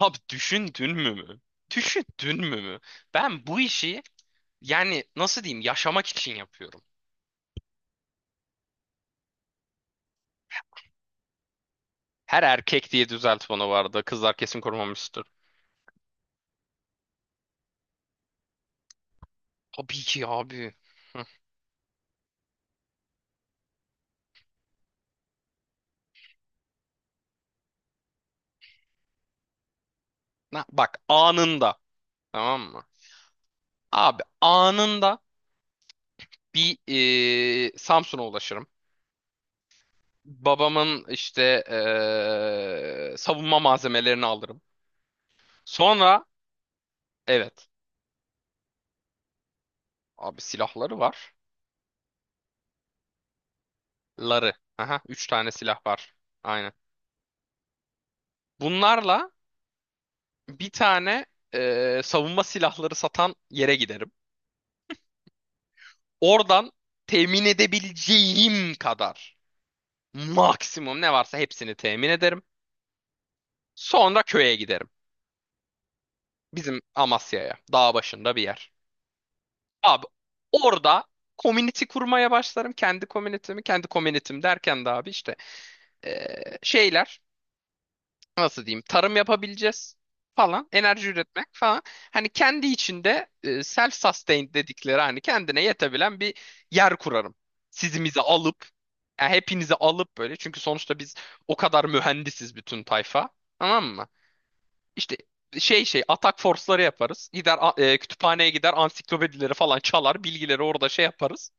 Abi düşündün mü? Düşündün mü? Ben bu işi, yani nasıl diyeyim, yaşamak için yapıyorum. Her erkek diye düzelt, bana vardı. Kızlar kesin korumamıştır. Tabii ki abi. Bak, anında, tamam mı? Abi, anında bir Samsun'a ulaşırım. Babamın işte savunma malzemelerini alırım. Sonra, evet abi, silahları var. Ları. Aha, üç tane silah var. Aynen. Bunlarla bir tane savunma silahları satan yere giderim. Oradan temin edebileceğim kadar maksimum ne varsa hepsini temin ederim. Sonra köye giderim. Bizim Amasya'ya, dağ başında bir yer. Abi, orada community kurmaya başlarım. Kendi community'mi, kendi community'm derken de abi işte e, şeyler, nasıl diyeyim, tarım yapabileceğiz falan, enerji üretmek falan, hani kendi içinde self sustained dedikleri, hani kendine yetebilen bir yer kurarım. Sizimizi alıp, yani hepinizi alıp böyle, çünkü sonuçta biz o kadar mühendisiz, bütün tayfa, tamam mı? İşte atak force'ları yaparız. Kütüphaneye gider, ansiklopedileri falan çalar, bilgileri orada şey yaparız.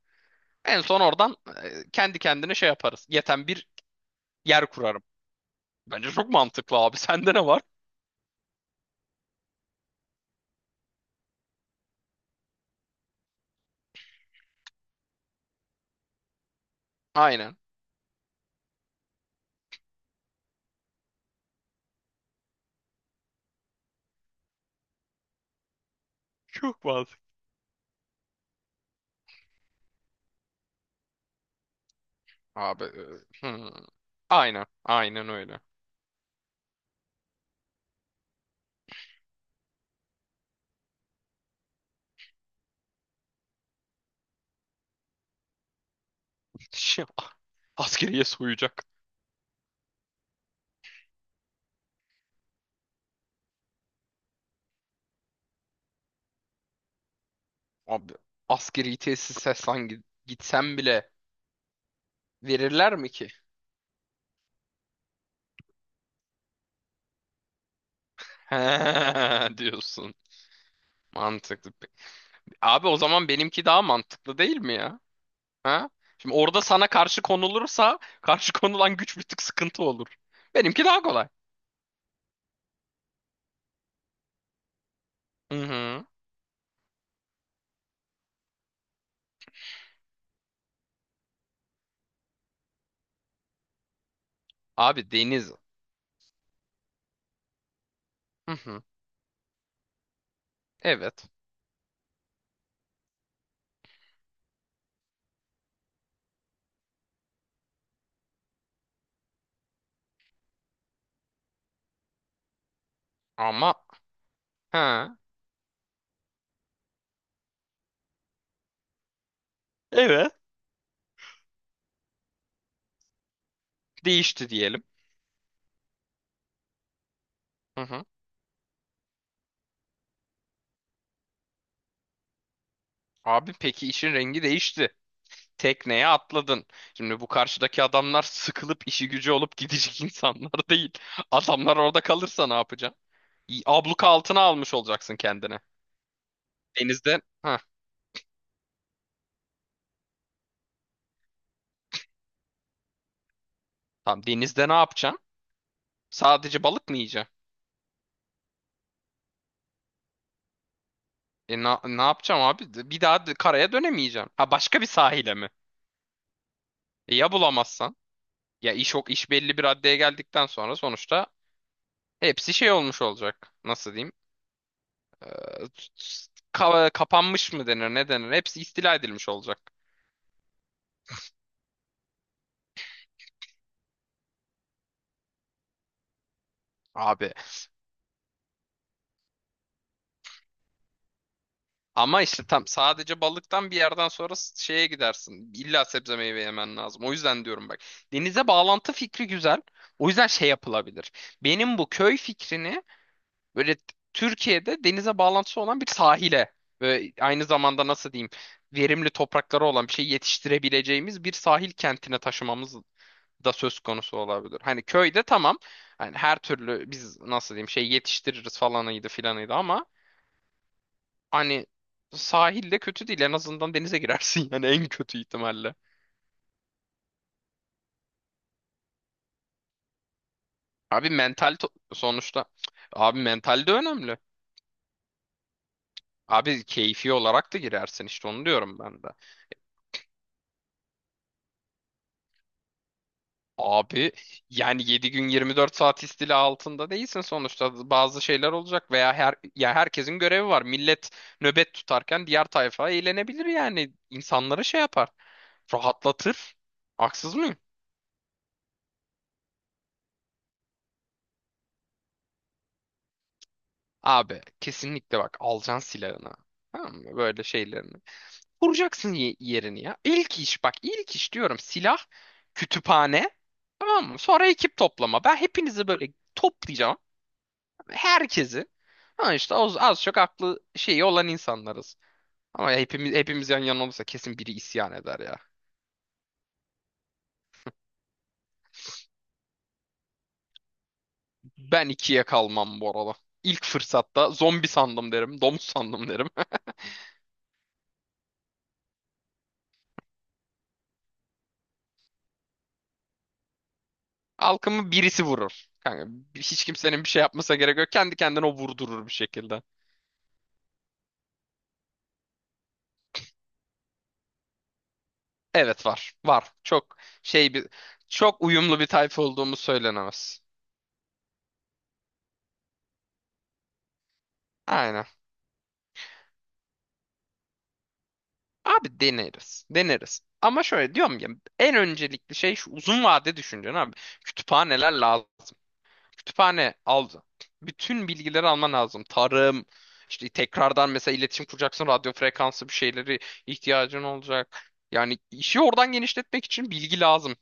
En son oradan kendi kendine şey yaparız. Yeten bir yer kurarım. Bence çok mantıklı abi. Sende ne var? Aynen. Çok mantıklı. Abi. Hmm. Aynen. Aynen öyle. Şey, ah. Askeriye soyacak. Abi. Askeri tesise sen gitsen bile verirler mi ki? He, diyorsun. Mantıklı. Abi, o zaman benimki daha mantıklı değil mi ya? Ha? Şimdi orada sana karşı konulursa, karşı konulan güç bir tık sıkıntı olur. Benimki daha kolay. Hı hı. Abi, deniz. Hı hı. Evet. Ama, ha. Evet. Değişti diyelim. Hı hı. Abi, peki, işin rengi değişti. Tekneye atladın. Şimdi bu karşıdaki adamlar sıkılıp işi gücü olup gidecek insanlar değil. Adamlar orada kalırsa ne yapacaksın? Abluka altına almış olacaksın kendini. Denizde, ha, tamam, denizde ne yapacaksın? Sadece balık mı yiyeceksin? Ne yapacağım abi? Bir daha karaya dönemeyeceğim. Ha, başka bir sahile mi? Ya bulamazsan? Ya, iş belli bir raddeye geldikten sonra, sonuçta hepsi şey olmuş olacak. Nasıl diyeyim? Ee, Kapanmış mı denir, ne denir? Hepsi istila edilmiş olacak, abi. Ama işte, tam sadece balıktan bir yerden sonra şeye gidersin. İlla sebze meyve yemen lazım. O yüzden diyorum bak. Denize bağlantı fikri güzel. O yüzden şey yapılabilir. Benim bu köy fikrini böyle Türkiye'de denize bağlantısı olan bir sahile ve aynı zamanda, nasıl diyeyim, verimli toprakları olan, bir şey yetiştirebileceğimiz bir sahil kentine taşımamız da söz konusu olabilir. Hani köyde, tamam. Hani her türlü biz, nasıl diyeyim, şey yetiştiririz falanıydı filanıydı, ama hani sahilde kötü değil. En azından denize girersin, yani en kötü ihtimalle. Abi, mental sonuçta. Abi, mental de önemli. Abi, keyfi olarak da girersin, işte onu diyorum ben de. Abi yani, 7 gün 24 saat istila altında değilsin, sonuçta bazı şeyler olacak, veya herkesin görevi var. Millet nöbet tutarken diğer tayfa eğlenebilir, yani insanlara şey yapar. Rahatlatır. Haksız mıyım? Abi kesinlikle, bak, alacaksın silahını. Tamam mı? Böyle şeylerini. Vuracaksın yerini ya. İlk iş, bak, ilk iş diyorum: silah, kütüphane. Tamam mı? Sonra ekip toplama. Ben hepinizi böyle toplayacağım. Herkesi. Ha işte az çok aklı şeyi olan insanlarız. Ama hepimiz yan yana olursa, kesin biri isyan eder ya. Ben ikiye kalmam bu arada. İlk fırsatta zombi sandım derim, domuz sandım derim. Halkımı birisi vurur. Kanka, hiç kimsenin bir şey yapmasa gerek yok. Kendi kendine o vurdurur bir şekilde. Evet var. Var. Çok şey bir çok uyumlu bir tayfa olduğumuz söylenemez. Aynen. Abi deneriz. Deneriz. Ama şöyle diyorum ya, en öncelikli şey şu: uzun vade düşüncen abi. Kütüphaneler lazım. Kütüphane aldı. Bütün bilgileri alman lazım. Tarım, işte, tekrardan mesela iletişim kuracaksın. Radyo frekansı bir şeyleri ihtiyacın olacak. Yani işi oradan genişletmek için bilgi lazım.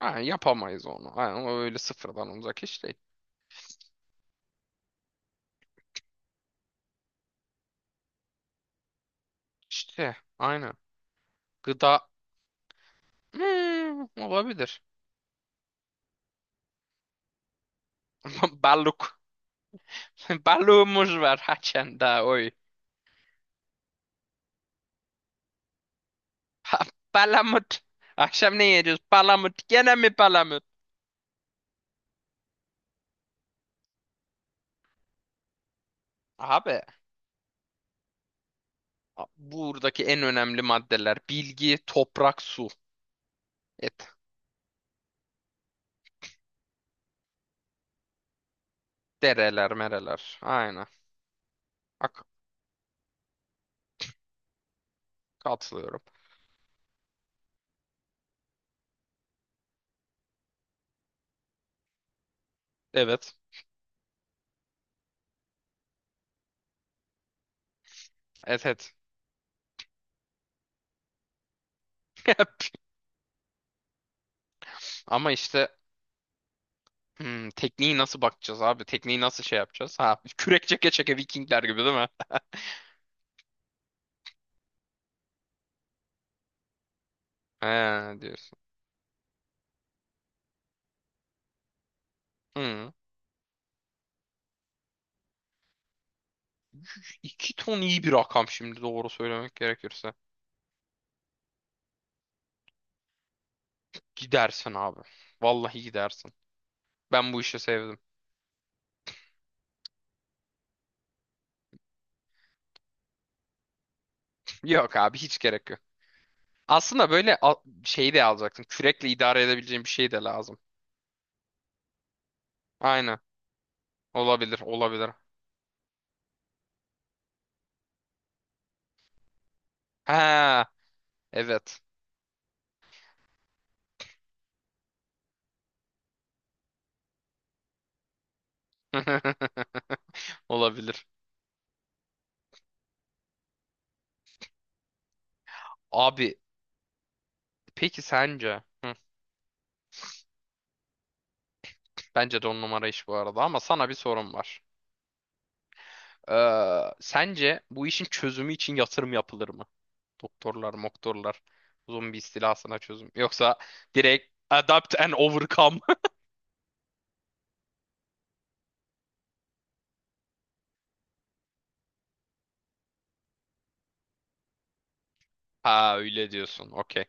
Aynen, yapamayız onu. Aynen, o öyle sıfırdan olacak iş değil. İşte aynen. Gıda. Olabilir. Balık. Balığımız var haçan daha oy. Ha, palamut. Akşam ne yiyeceğiz? Palamut. Gene mi palamut? Abi, buradaki en önemli maddeler: bilgi, toprak, su, et, dereler, mereler. Aynen. Ak Katılıyorum. Evet. Et et. Ama işte tekniği nasıl bakacağız abi? Tekniği nasıl şey yapacağız? Ha, kürek çeke çeke Vikingler gibi değil mi? He, diyorsun. Hmm. 2 ton iyi bir rakam şimdi, doğru söylemek gerekirse. Gidersin abi. Vallahi gidersin. Ben bu işi sevdim. Yok abi, hiç gerek yok. Aslında böyle şey de alacaksın. Kürekle idare edebileceğin bir şey de lazım. Aynen. Olabilir, olabilir. Ha, evet. Olabilir. Abi, peki sence? Bence de on numara iş bu arada, ama sana bir sorum var. Sence bu işin çözümü için yatırım yapılır mı? Doktorlar, moktorlar, zombi istilasına çözüm. Yoksa direkt adapt and overcome. Ha, öyle diyorsun. Okey.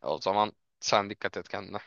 O zaman sen dikkat et kendine.